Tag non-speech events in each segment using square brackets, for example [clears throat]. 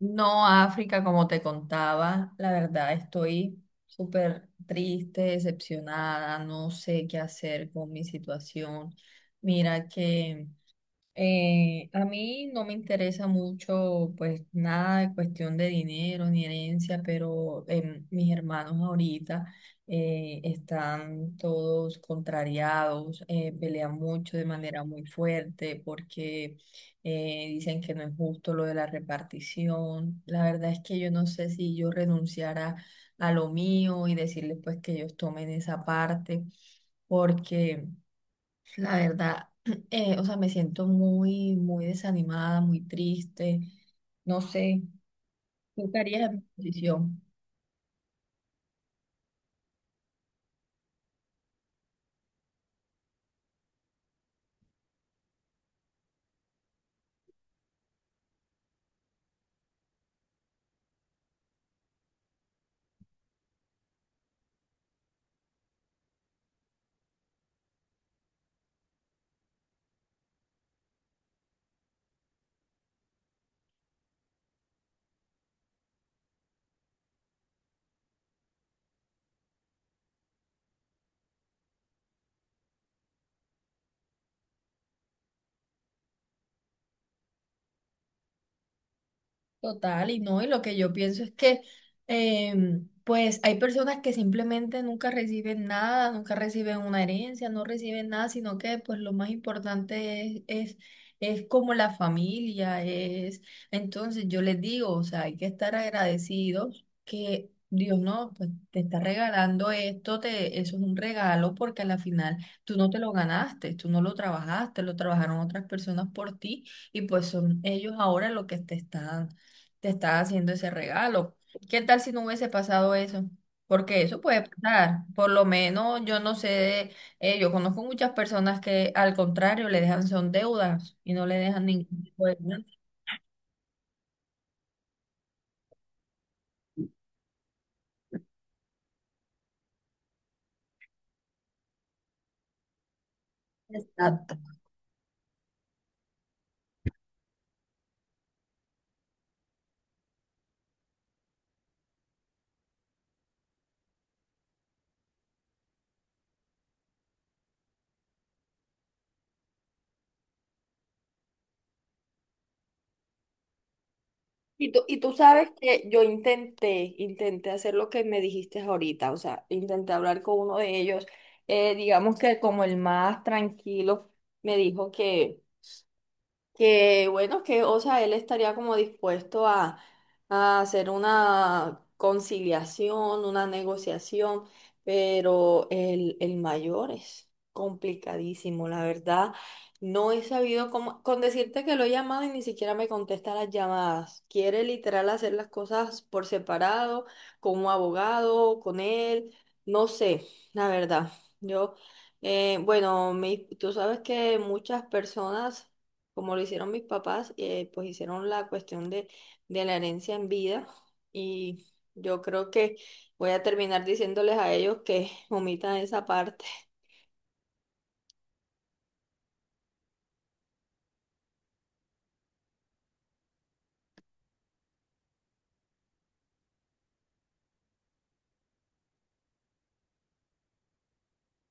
No, África, como te contaba, la verdad estoy súper triste, decepcionada, no sé qué hacer con mi situación. Mira que a mí no me interesa mucho, pues nada de cuestión de dinero ni herencia, pero mis hermanos ahorita están todos contrariados, pelean mucho de manera muy fuerte porque dicen que no es justo lo de la repartición. La verdad es que yo no sé si yo renunciara a lo mío y decirles pues que ellos tomen esa parte porque... La verdad, [clears throat] o sea, me siento muy, muy desanimada, muy triste. No sé, ¿tú qué harías en mi posición? Total, y no, y lo que yo pienso es que pues hay personas que simplemente nunca reciben nada, nunca reciben una herencia, no reciben nada, sino que pues lo más importante es como la familia, es, entonces yo les digo, o sea, hay que estar agradecidos que Dios no, pues te está regalando esto, te, eso es un regalo porque a la final tú no te lo ganaste, tú no lo trabajaste, lo trabajaron otras personas por ti. Y pues son ellos ahora lo que te están dando te está haciendo ese regalo. ¿Qué tal si no hubiese pasado eso? Porque eso puede pasar. Por lo menos yo no sé, yo conozco muchas personas que al contrario le dejan son deudas y no le dejan ningún tipo de dinero. Exacto. Y tú sabes que yo intenté hacer lo que me dijiste ahorita, o sea, intenté hablar con uno de ellos, digamos que como el más tranquilo, me dijo que... Que bueno, que o sea, él estaría como dispuesto a hacer una conciliación, una negociación, pero el mayor es complicadísimo, la verdad. No he sabido cómo, con decirte que lo he llamado y ni siquiera me contesta las llamadas. Quiere literal hacer las cosas por separado, como abogado, con él, no sé, la verdad. Yo, bueno, tú sabes que muchas personas como lo hicieron mis papás, pues hicieron la cuestión de la herencia en vida y yo creo que voy a terminar diciéndoles a ellos que omitan esa parte.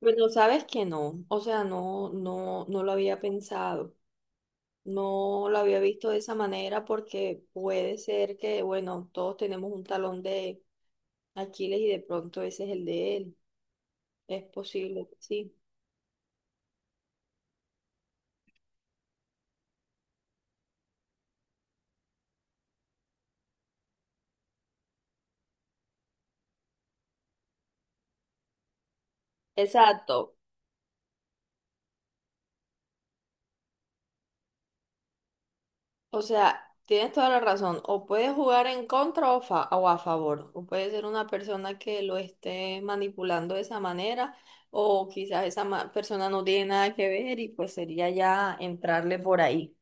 Bueno, sabes que no, o sea, no lo había pensado, no lo había visto de esa manera porque puede ser que, bueno, todos tenemos un talón de Aquiles y de pronto ese es el de él, es posible, sí. Exacto. O sea, tienes toda la razón. O puedes jugar en contra o, o a favor. O puede ser una persona que lo esté manipulando de esa manera. O quizás esa persona no tiene nada que ver y pues sería ya entrarle por ahí.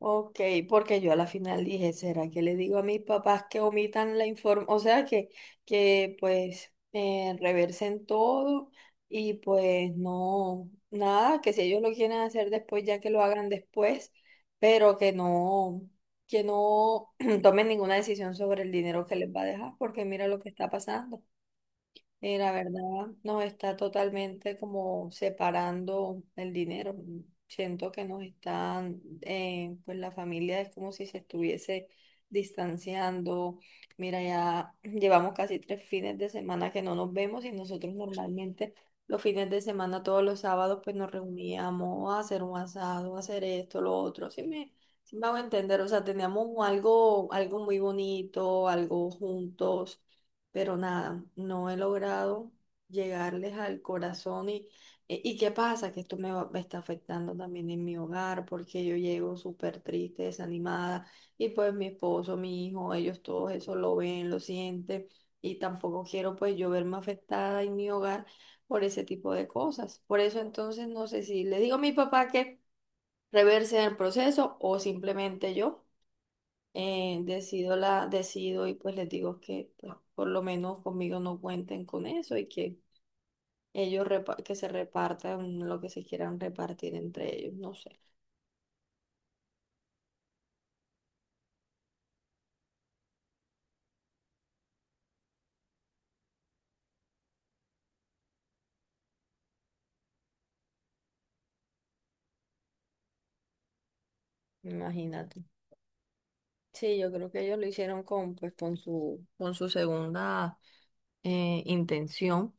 Ok, porque yo a la final dije, ¿será que le digo a mis papás que omitan la información? O sea, que pues reversen todo y pues no, nada, que si ellos lo quieren hacer después, ya que lo hagan después, pero que no [clears throat] tomen ninguna decisión sobre el dinero que les va a dejar, porque mira lo que está pasando. Y la verdad nos está totalmente como separando el dinero. Siento que nos están, pues la familia es como si se estuviese distanciando. Mira, ya [clears throat] llevamos casi tres fines de semana que no nos vemos y nosotros normalmente los fines de semana, todos los sábados, pues nos reuníamos a hacer un asado, a hacer esto, lo otro. Sí me hago entender, o sea, teníamos algo, algo muy bonito, algo juntos pero nada, no he logrado llegarles al corazón y, y qué pasa, que esto me está afectando también en mi hogar, porque yo llego súper triste, desanimada, y pues mi esposo, mi hijo, ellos todos eso lo ven, lo sienten, y tampoco quiero pues yo verme afectada en mi hogar por ese tipo de cosas. Por eso entonces no sé si le digo a mi papá que reverse el proceso o simplemente yo decido decido y pues les digo que pues, por lo menos conmigo no cuenten con eso y que ellos que se repartan lo que se quieran repartir entre ellos, no sé. Imagínate. Sí, yo creo que ellos lo hicieron con pues con su segunda intención,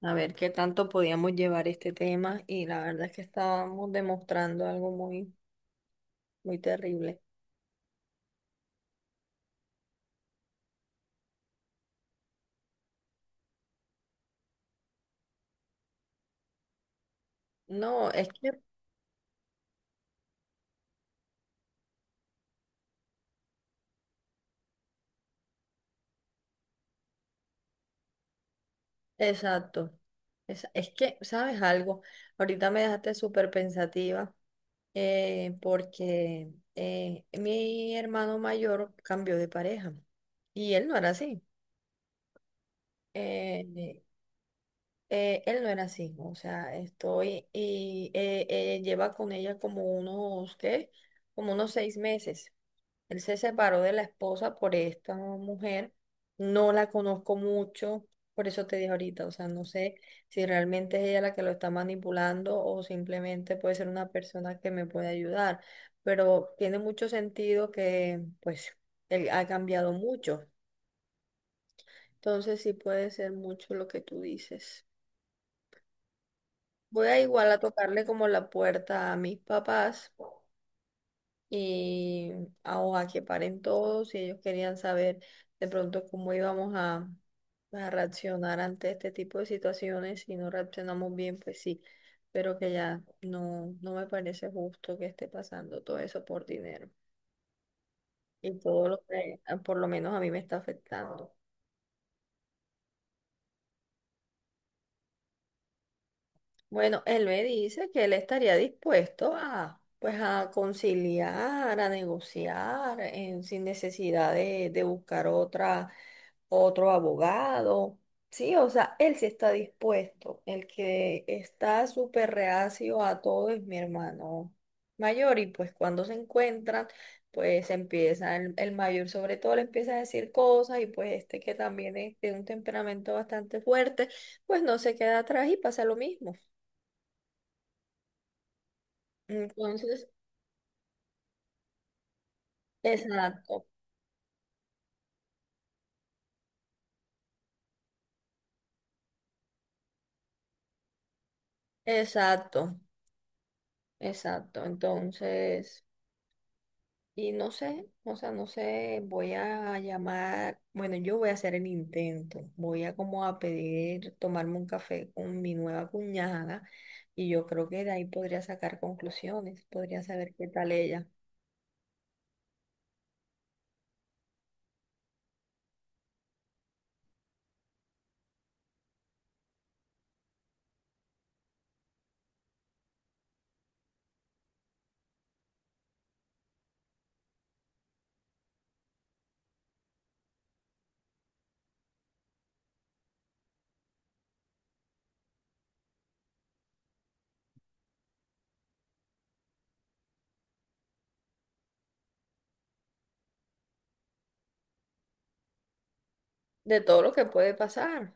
a ver qué tanto podíamos llevar este tema y la verdad es que estábamos demostrando algo muy muy terrible. No, es que exacto. Es que, ¿sabes algo? Ahorita me dejaste súper pensativa porque mi hermano mayor cambió de pareja y él no era así. Eh, eh, él no era así. O sea, estoy y lleva con ella como unos, ¿qué? Como unos seis meses. Él se separó de la esposa por esta mujer. No la conozco mucho, por eso te dije ahorita, o sea, no sé si realmente es ella la que lo está manipulando o simplemente puede ser una persona que me puede ayudar. Pero tiene mucho sentido que, pues, él ha cambiado mucho. Entonces sí puede ser mucho lo que tú dices. Voy a igual a tocarle como la puerta a mis papás y a que paren todos y ellos querían saber de pronto cómo íbamos a reaccionar ante este tipo de situaciones. Si no reaccionamos bien, pues sí, pero que ya no, no me parece justo que esté pasando todo eso por dinero y todo lo que ah, por lo menos a mí me está afectando. Bueno, él me dice que él estaría dispuesto a... Pues a conciliar, a negociar, sin necesidad de buscar otra, otro abogado. Sí, o sea, él sí está dispuesto. El que está súper reacio a todo es mi hermano mayor y pues cuando se encuentran, pues empieza el mayor sobre todo le empieza a decir cosas y pues este que también es de un temperamento bastante fuerte, pues no se queda atrás y pasa lo mismo. Entonces, exacto, exacto, exacto. Entonces... Y no sé, o sea, no sé, voy a llamar, bueno, yo voy a hacer el intento, voy a como a pedir tomarme un café con mi nueva cuñada y yo creo que de ahí podría sacar conclusiones, podría saber qué tal ella, de todo lo que puede pasar,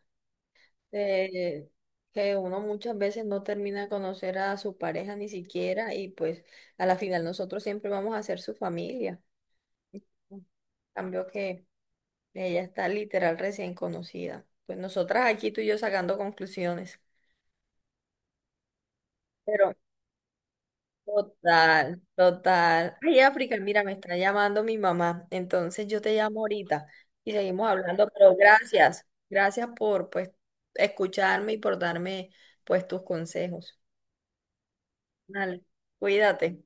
de que uno muchas veces no termina de conocer a su pareja ni siquiera y pues a la final nosotros siempre vamos a ser su familia. En cambio que ella está literal recién conocida. Pues nosotras aquí tú y yo sacando conclusiones. Pero total, total. Ay, África, mira, me está llamando mi mamá. Entonces yo te llamo ahorita y seguimos hablando. Pero gracias, gracias por pues escucharme y por darme pues tus consejos. Vale, cuídate.